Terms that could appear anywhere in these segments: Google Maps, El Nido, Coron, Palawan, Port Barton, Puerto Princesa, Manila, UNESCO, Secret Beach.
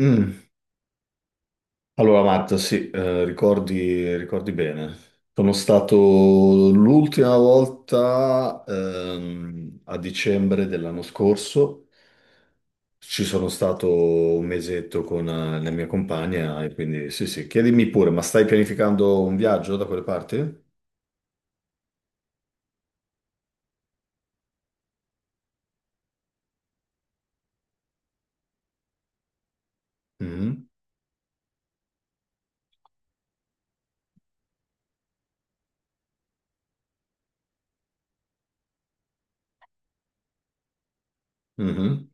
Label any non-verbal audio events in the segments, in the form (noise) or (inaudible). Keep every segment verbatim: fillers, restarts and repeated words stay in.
Mm. Allora, Matta, sì, eh, ricordi, ricordi bene. Sono stato l'ultima volta ehm, a dicembre dell'anno scorso. Ci sono stato un mesetto con eh, la mia compagna e quindi sì, sì, chiedimi pure, ma stai pianificando un viaggio da quelle parti? Mhm. Mhm.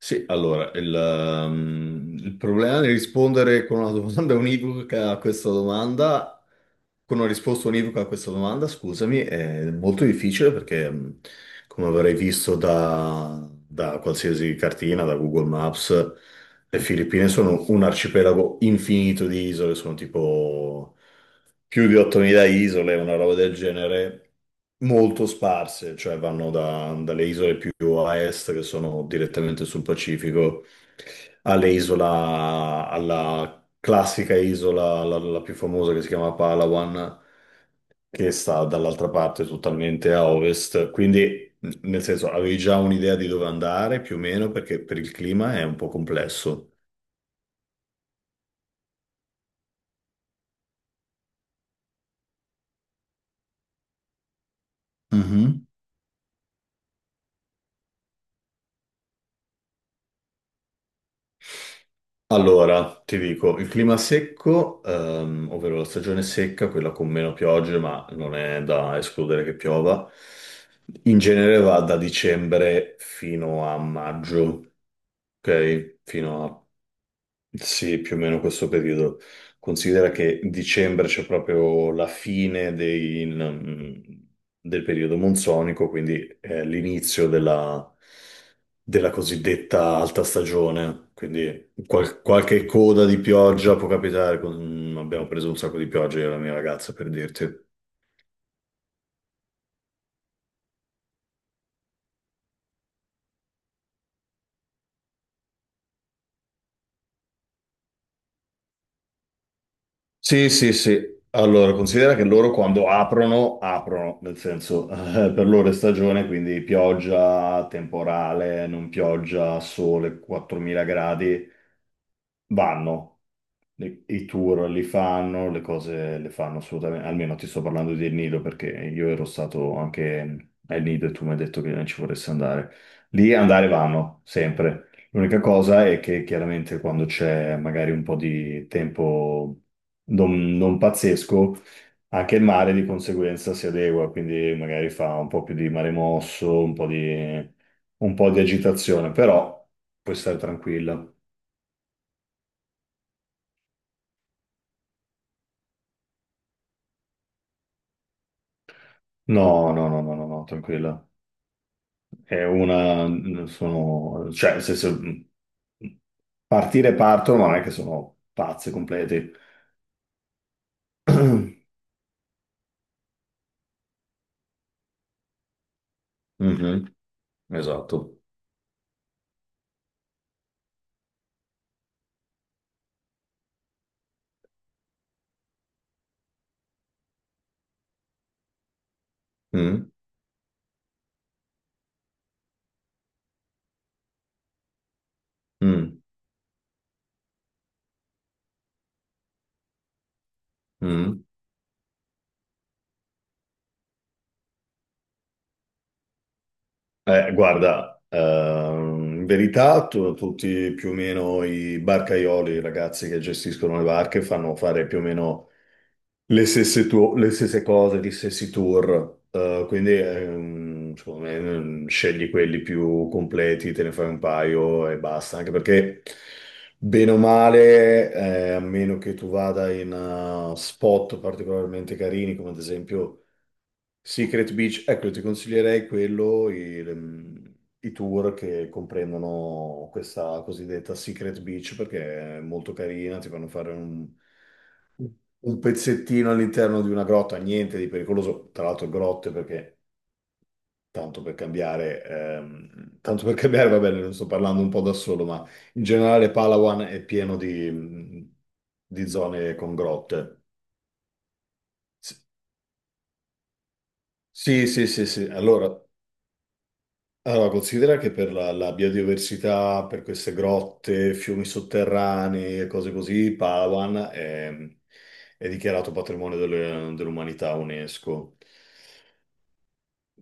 Sì, allora, il, ehm, il problema di rispondere con una domanda (laughs) univoca a questa domanda, con una risposta univoca a questa domanda, scusami, è molto difficile perché, mh, come avrei visto da, da qualsiasi cartina, da Google Maps, le Filippine sono un arcipelago infinito di isole, sono tipo più di ottomila isole, una roba del genere, molto sparse, cioè vanno da- dalle isole più a est, che sono direttamente sul Pacifico, alle isola, alla classica isola, la, la più famosa che si chiama Palawan, che sta dall'altra parte totalmente a ovest, quindi. n- Nel senso, avevi già un'idea di dove andare più o meno perché per il clima è un po' complesso. Mhm. Allora, ti dico, il clima secco, ehm, ovvero la stagione secca, quella con meno piogge, ma non è da escludere che piova, in genere va da dicembre fino a maggio, ok? Fino a Sì, più o meno questo periodo. Considera che dicembre c'è proprio la fine dei- mm, del periodo monsonico, quindi è l'inizio della, della cosiddetta alta stagione. Quindi qual- qualche coda di pioggia può capitare. con- Abbiamo preso un sacco di pioggia io e la mia ragazza, per dirti. Sì, sì, sì. Allora, considera che loro quando aprono, aprono, nel senso, (laughs) eh, per loro è stagione, quindi pioggia, temporale, non pioggia, sole, quattromila gradi, vanno. Le- I tour li fanno, le cose le fanno assolutamente, almeno ti sto parlando del Nido perché io ero stato anche al Nido e tu mi hai detto che non ci vorresti andare. Lì andare vanno, sempre. L'unica cosa è che chiaramente quando c'è magari un po' di tempo non, non pazzesco, anche il mare di conseguenza si adegua, quindi magari fa un po' più di mare mosso, un po' di, un po' di agitazione, però puoi stare tranquilla. No, no, no, no, no, no, tranquilla. È una, sono, cioè, nel senso, mh, partire e partono, ma non è che sono pazzi completi. (clears throat) Mhm, esatto. Mm, mm, mm. Eh, guarda, ehm, in verità tu- tutti più o meno i barcaioli, i ragazzi che gestiscono le barche, fanno fare più o meno Le stesse, tu- le stesse cose, gli stessi tour, eh, quindi ehm, secondo me ehm, scegli quelli più completi, te ne fai un paio e basta, anche perché bene o male, eh, a meno che tu vada in eh, spot particolarmente carini, come ad esempio Secret Beach, ecco, ti consiglierei quello, il- mm, i tour che comprendono questa cosiddetta Secret Beach perché è molto carina, ti fanno fare un, un pezzettino all'interno di una grotta, niente di pericoloso, tra l'altro grotte perché tanto per cambiare, ehm, tanto per cambiare, va bene, non sto parlando un po' da solo, ma in generale Palawan è pieno di, di zone con grotte. Sì, sì, sì, sì. Allora, Allora, considera che per la, la biodiversità, per queste grotte, fiumi sotterranei e cose così, Palawan è, è dichiarato patrimonio delle- dell'umanità UNESCO.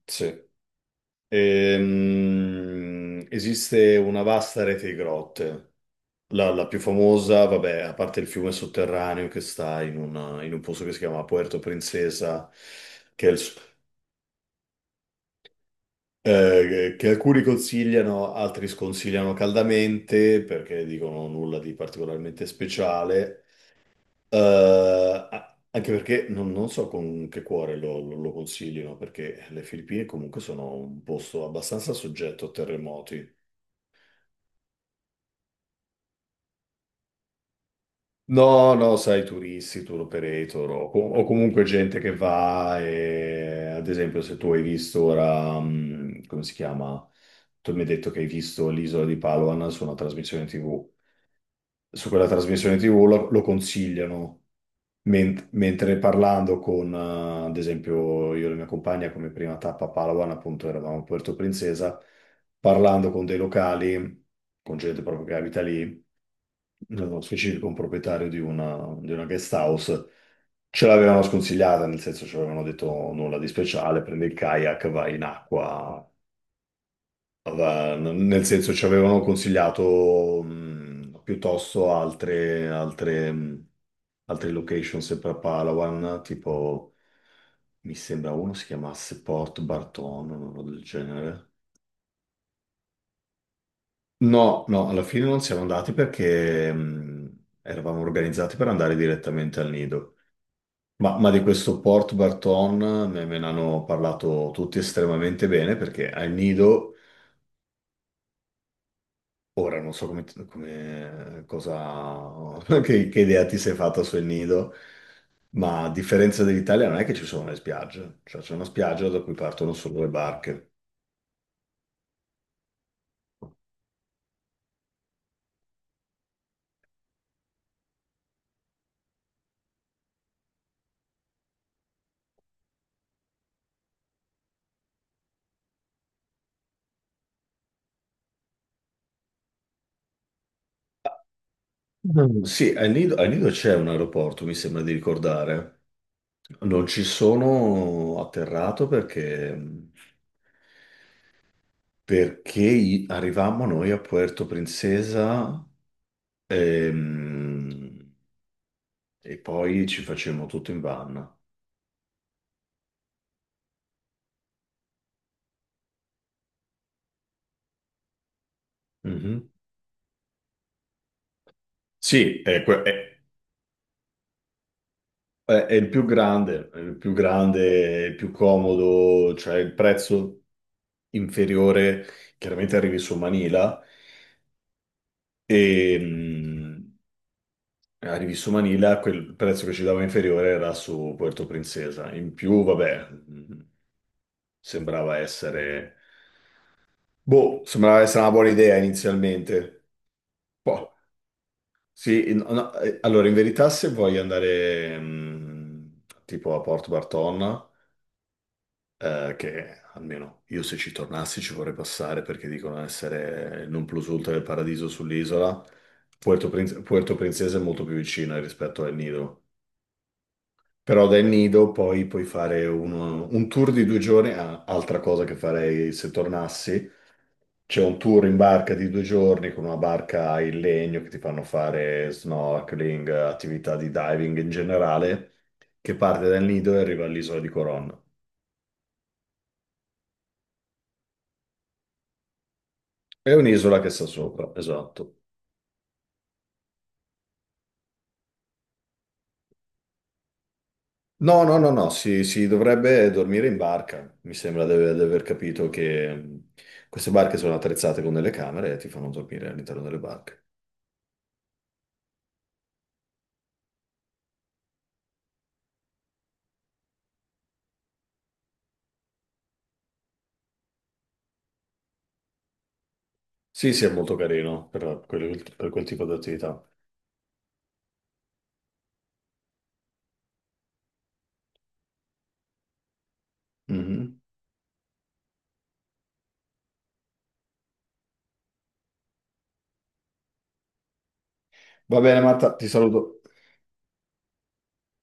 Sì. Ehm, esiste una vasta rete di grotte. La, la più famosa, vabbè, a parte il fiume sotterraneo che sta in, una- in un posto che si chiama Puerto Princesa, che è il, eh, che alcuni consigliano, altri sconsigliano caldamente perché dicono nulla di particolarmente speciale, Eh, a- anche perché non, non so con che cuore lo, lo- lo consigliano, perché le Filippine comunque sono un posto abbastanza soggetto a terremoti. No, no, sai, turisti, tour operator o, com- o comunque gente che va e, ad esempio, se tu hai visto ora, mm, come si chiama? Tu mi hai detto che hai visto l'isola di Palawan su una trasmissione T V. Su quella trasmissione T V lo, lo consigliano, men- mentre parlando con, eh, ad esempio, io e la mia compagna come prima tappa Palawan, appunto eravamo a Puerto Princesa, parlando con dei locali, con gente proprio che abita lì, nello specifico un proprietario di una, di una guest house, ce l'avevano sconsigliata, nel senso ci avevano detto nulla di speciale, prendi il kayak, vai in acqua. Va- n- Nel senso ci avevano consigliato mh, piuttosto altre, altre, mh, altre location sempre a Palawan, tipo mi sembra uno si chiamasse Port Barton o una roba del genere. No, no, alla fine non siamo andati perché mh, eravamo organizzati per andare direttamente al Nido. Ma, ma di questo Port Barton me, me ne hanno parlato tutti estremamente bene perché al Nido. Ora non so come, come- cosa, (laughs) che, che idea ti sei fatta sul nido, ma a differenza dell'Italia non è che ci sono le spiagge, cioè c'è una spiaggia da cui partono solo le barche. Mm. Sì, al nido, al Nido c'è un aeroporto, mi sembra di ricordare. Non ci sono atterrato perché, perché i- arrivammo noi a Puerto Princesa ehm, e, poi ci facemmo tutto in van. Mhm. Sì, è, que- è- È è il più grande, è il più grande, è il più comodo, cioè il prezzo inferiore, chiaramente arrivi su Manila e mh, arrivi su Manila, quel prezzo che ci dava inferiore era su Puerto Princesa. In più, vabbè, mh, sembrava essere. Boh, sembrava essere una buona idea inizialmente. Boh, sì, in- no, no, eh, allora in verità se vuoi andare mh, tipo a Porto Barton eh, che almeno io se ci tornassi ci vorrei passare perché dicono essere il non plus ultra del paradiso sull'isola. Puerto, Prin- Puerto Princesa è molto più vicina rispetto a El Nido. Però da El Nido poi puoi fare uno- un tour di due giorni, ah, altra cosa che farei se tornassi. C'è un tour in barca di due giorni con una barca in legno che ti fanno fare snorkeling, attività di diving in generale, che parte dal Nido e arriva all'isola di Coron. È un'isola che sta sopra, esatto. No, no, no, no, si, si dovrebbe dormire in barca. Mi sembra di aver di aver capito che mh, queste barche sono attrezzate con delle camere e ti fanno dormire all'interno delle barche. Sì, sì, è molto carino per, per quel per quel tipo di attività. Mhm. Va bene, Marta, ti saluto.